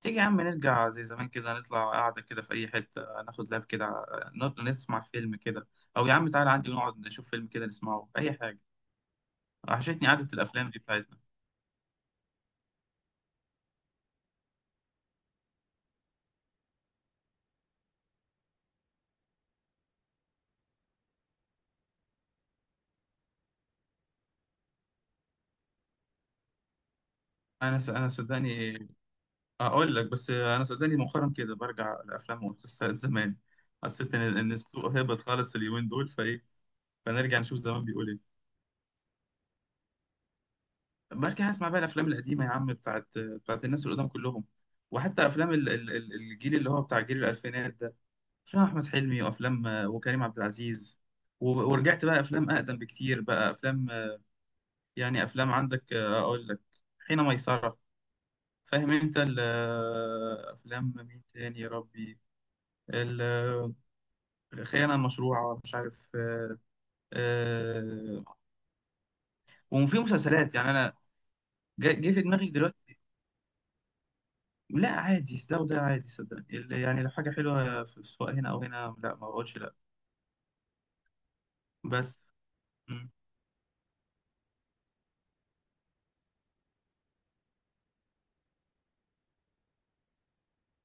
تيجي يا عم نرجع زي زمان كده نطلع قاعدة كده في أي حتة ناخد لاب كده، نسمع فيلم كده، أو يا عم تعالى عندي ونقعد نشوف فيلم كده نسمعه أي حاجة. وحشتني قعدة الأفلام دي بتاعتنا. أنا صدقني أقول لك، بس أنا صدقني مؤخرا كده برجع الأفلام والمسلسلات زمان. حسيت إن السوق هبط خالص اليومين دول، فإيه، فنرجع نشوف زمان بيقول إيه. برجع أسمع بقى الأفلام القديمة يا عم، بتاعت الناس القدام كلهم، وحتى أفلام الجيل اللي هو بتاع جيل الألفينات ده، افلام احمد حلمي، وافلام وكريم عبد العزيز. ورجعت بقى افلام اقدم بكتير، بقى افلام يعني افلام، عندك اقول لك، حين ميسرة. فاهم انت افلام مين تاني يا ربي، ال- آه، الخيانة المشروعة، مش عارف. آه، وفي مسلسلات يعني انا، جه في دماغي دلوقتي. لا، عادي ده وده، عادي صدقني، يعني لو حاجة حلوة سواء هنا او هنا، لا ما بقولش لا. بس م.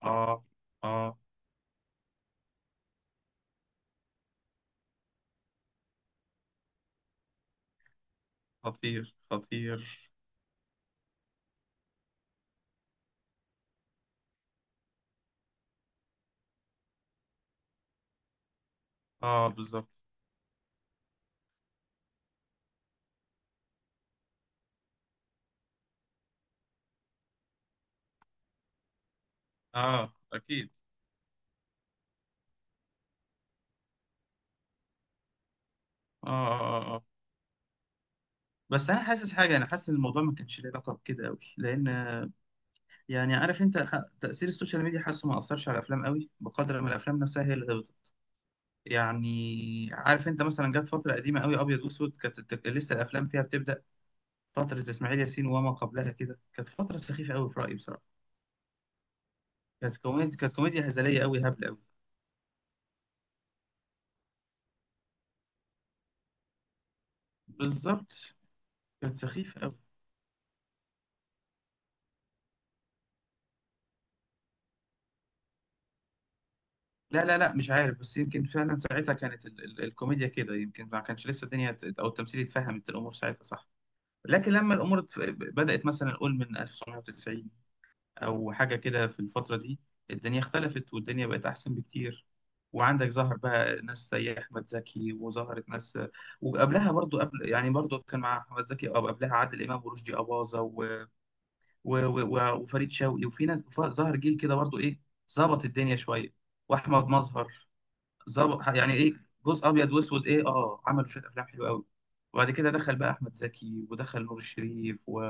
اه، اه، خطير خطير. اه بالظبط. اه اكيد. اه اه اه بس انا حاسس حاجه، انا حاسس ان الموضوع ما كانش له علاقه بكده قوي، لان يعني عارف انت تاثير السوشيال ميديا، حاسه ما اثرش على الافلام قوي بقدر ما الافلام نفسها هي اللي غلطت. يعني عارف انت، مثلا جت فتره قديمه قوي ابيض واسود، كانت لسه الافلام فيها بتبدا فتره اسماعيل ياسين وما قبلها كده، كانت فتره سخيفه قوي في رايي بصراحه. كانت كوميديا هزليه قوي، هبله قوي. بالظبط. كانت سخيفه قوي. لا لا لا، مش عارف، بس يمكن فعلا ساعتها كانت ال ال الكوميديا كده، يمكن ما كانش لسه الدنيا او التمثيل اتفهمت الامور ساعتها، صح. لكن لما الامور بدأت مثلا، نقول من 1990 او حاجه كده، في الفتره دي الدنيا اختلفت والدنيا بقت احسن بكتير. وعندك ظهر بقى ناس زي احمد زكي، وظهرت ناس، وقبلها برضو، قبل يعني برضو كان مع احمد زكي او قبلها، عادل امام ورشدي اباظه وفريد شوقي، وفي ناس، ظهر جيل كده برضو ايه، ظبط الدنيا شويه، واحمد مظهر. ظبط يعني ايه، جزء ابيض واسود ايه، اه عملوا شويه افلام حلوه قوي. وبعد كده دخل بقى احمد زكي، ودخل نور الشريف و...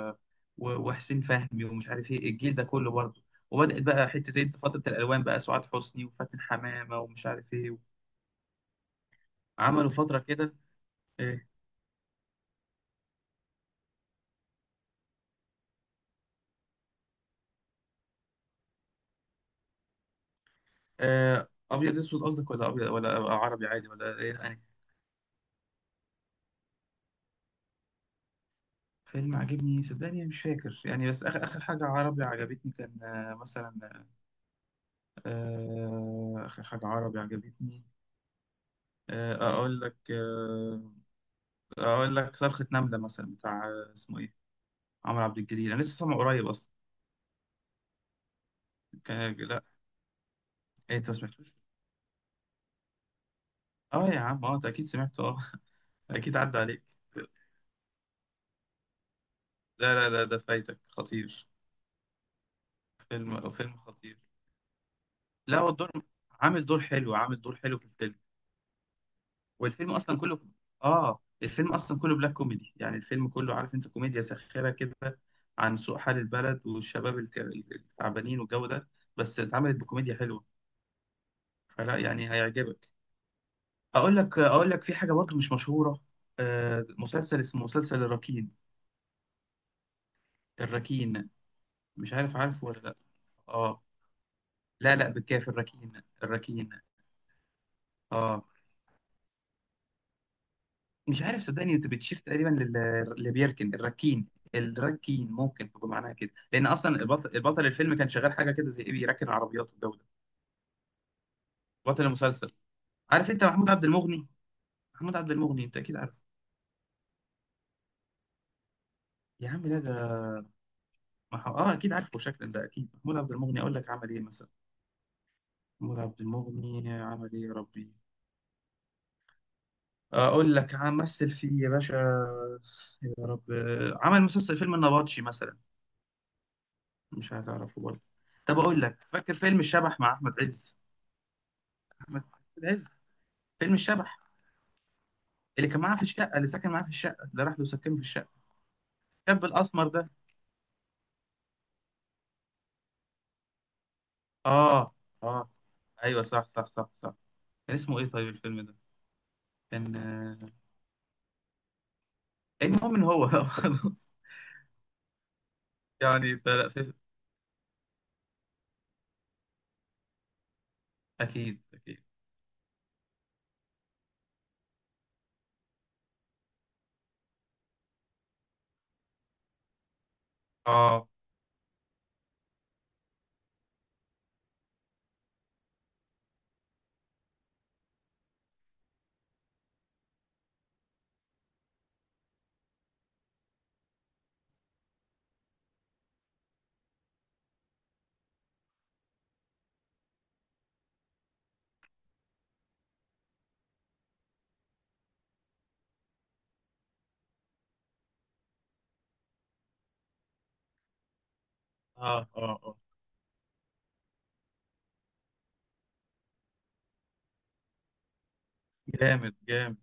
و... وحسين فهمي، ومش عارف ايه الجيل ده كله برضه. وبدات بقى حته ايه، فتره الالوان، بقى سعاد حسني وفاتن حمامه ومش عارف ايه، عملوا فتره كده ايه. ابيض اسود قصدك، ولا ابيض، ولا عربي عادي، ولا ايه يعني؟ فيلم عجبني صدقني مش فاكر يعني، بس اخر اخر حاجه عربي عجبتني كان مثلا اخر حاجه عربي عجبتني اقول لك اقول لك، صرخة نملة مثلا، بتاع اسمه ايه، عمرو عبد الجليل، انا لسه سامعه قريب اصلا. كان لا، انت ما سمعتوش؟ اه يا عم، اه انت اكيد سمعته، اه اكيد عدى عليك. لا لا لا، ده فايتك خطير. فيلم فيلم خطير. لا هو الدور، عامل دور حلو، عامل دور حلو في الفيلم. والفيلم اصلا كله، اه الفيلم اصلا كله بلاك كوميدي، يعني الفيلم كله عارف انت، كوميديا ساخرة كده، عن سوء حال البلد والشباب التعبانين والجو ده، بس اتعملت بكوميديا حلوة. فلا يعني هيعجبك. اقول لك اقول لك، في حاجه برضو مش مشهوره، مسلسل، اسمه مسلسل الركين. الركين. مش عارف عارفه ولا لا؟ اه لا لا، بالكاف، الركين. الركين. اه مش عارف صدقني، انت بتشير تقريبا اللي بيركن، الركين، الركين ممكن تبقى معناها كده، لان اصلا البطل, البطل الفيلم كان شغال حاجه كده زي ايه، بيركن عربيات والجو ده. بطل المسلسل، عارف انت محمود عبد المغني؟ محمود عبد المغني، انت اكيد عارفه يا عم، لا ده ما هو- اه اكيد عارفه شكلا، ده اكيد محمود عبد المغني، اقول لك عمل ايه مثلا، محمود عبد المغني عمل ايه يا ربي، اقول لك، مثل فيه يا باشا، يا رب، عمل مسلسل فيلم النبطشي مثلا. مش هتعرفه برضه. طب اقول لك، فاكر فيلم الشبح مع احمد عز؟ احمد عز، فيلم الشبح، اللي كان معاه في الشقه، اللي ساكن معاه في الشقه، اللي راح له سكنه في الشقه، الشاب الاسمر ده. اه اه، ايوه صح صح صح صح. كان اسمه ايه طيب الفيلم ده، كان المهم ان هو خلاص، يعني فلا اكيد اكيد. اه اه اه اه. جامد جامد.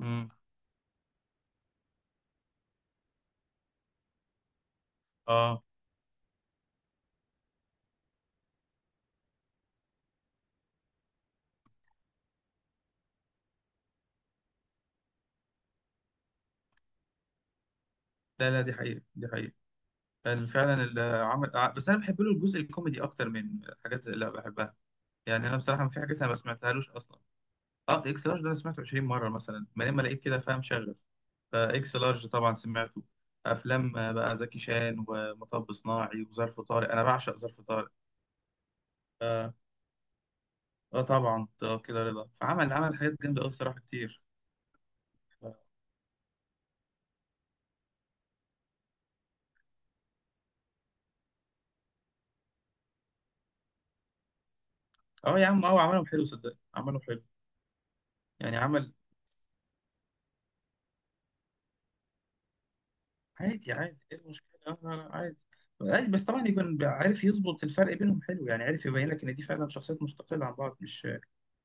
امم. اه لا لا، دي حقيقة، دي حقيقة. فعلا العمل بس انا بحب له الجزء الكوميدي اكتر، من الحاجات اللي بحبها، يعني انا بصراحة في حاجات انا ما سمعتهالوش اصلا. اه اكس لارج ده انا سمعته 20 مرة مثلا، ما لما لقيت كده فاهم شغل، فاكس لارج طبعا سمعته. افلام بقى زكي شان، ومطب صناعي، وظرف طارق، انا بعشق ظرف طارق. اه, طبعا، كده رضا، فعمل عمل حاجات جامدة قوي بصراحة كتير. اه يا عم، اه عملهم حلو صدقني، عملهم حلو، يعني عمل. عادي عادي، ايه المشكلة، لا لا لا عادي، عادي، بس طبعا يكون عارف يظبط الفرق بينهم حلو، يعني عارف يبين لك ان دي فعلا شخصيات مستقلة عن بعض،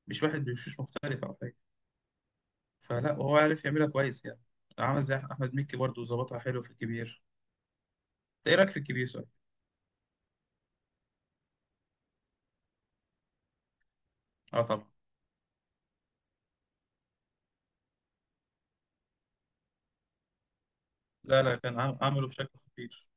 مش واحد بوشوش مختلفة او حاجة. فلا وهو عارف يعملها كويس يعني. عمل زي احمد مكي برضه، ظبطها حلو في الكبير. إنت ايه رايك في الكبير صح؟ اه طبعا. لا لا، كان عمله بشكل خطير.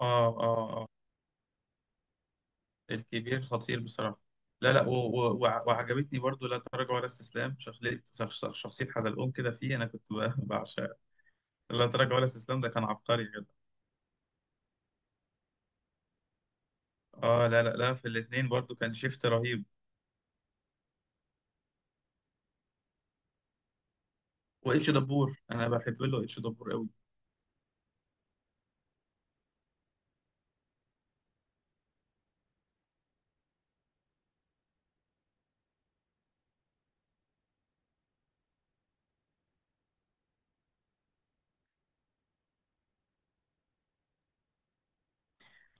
اه اه اه، الكبير خطير بصراحة. لا لا، وعجبتني برضه لا تراجع ولا استسلام، شخصية شخصية حزلقوم كده فيه، انا كنت بعشقها. لا تراجع ولا استسلام ده كان عبقري. اه لا لا لا، في الاثنين برضو كان شيفت رهيب. واتش دبور، انا بحب له اتش دبور قوي.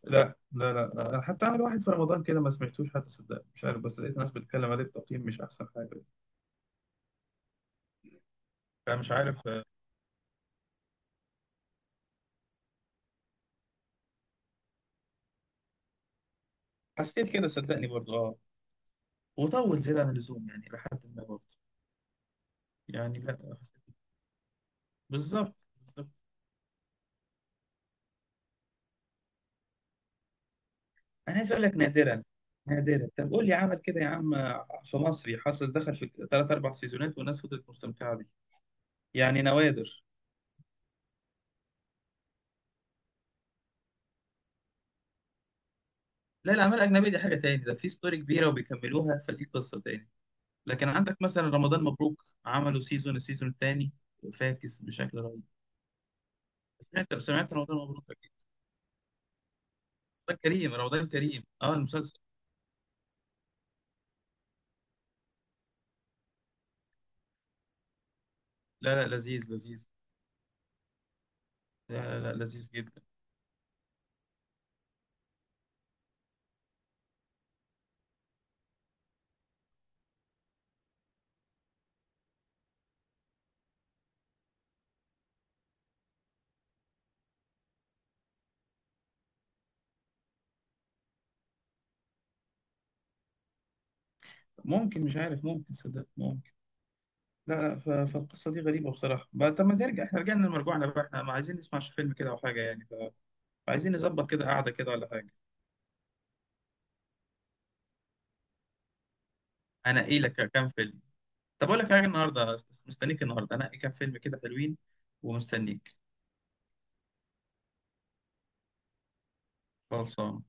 لا لا لا لا، انا حتى عامل واحد في رمضان كده ما سمعتوش حتى صدقني، مش عارف، بس لقيت ناس بتتكلم عليه بتقييم مش احسن حاجه، فمش عارف حسيت كده صدقني برضو، اه وطول زيادة عن اللزوم يعني، لحد ما برضو يعني، لا حسيت. بالظبط بالظبط. انا عايز اقول لك نادرا، نادرا، طب قول لي عمل كده يا عم في مصري حصل دخل في ثلاث اربع سيزونات والناس فضلت مستمتعه بيه، يعني نوادر. لا الأعمال الأجنبية دي حاجة تاني، ده في ستوري كبيرة وبيكملوها، فدي قصة تاني. لكن عندك مثلا رمضان مبروك، عملوا سيزون، السيزون التاني فاكس بشكل رهيب. سمعت سمعت رمضان مبروك أكيد؟ رمضان كريم، رمضان كريم، اه المسلسل. لا لا، لذيذ لذيذ. لا لا لا، لذيذ جدا. ممكن، مش عارف، ممكن صدق، ممكن. لا لا، فالقصة دي غريبة بصراحة بقى، طب ما نرجع، احنا رجعنا لمرجوعنا بقى، احنا ما عايزين نسمع فيلم كده أو حاجة يعني، فعايزين نظبط كده قعدة كده ولا حاجة. أنا إيه لك كام فيلم؟ طب اقول لك حاجه، النهارده مستنيك، النهارده انقي كام فيلم كده حلوين، ومستنيك. خلصان.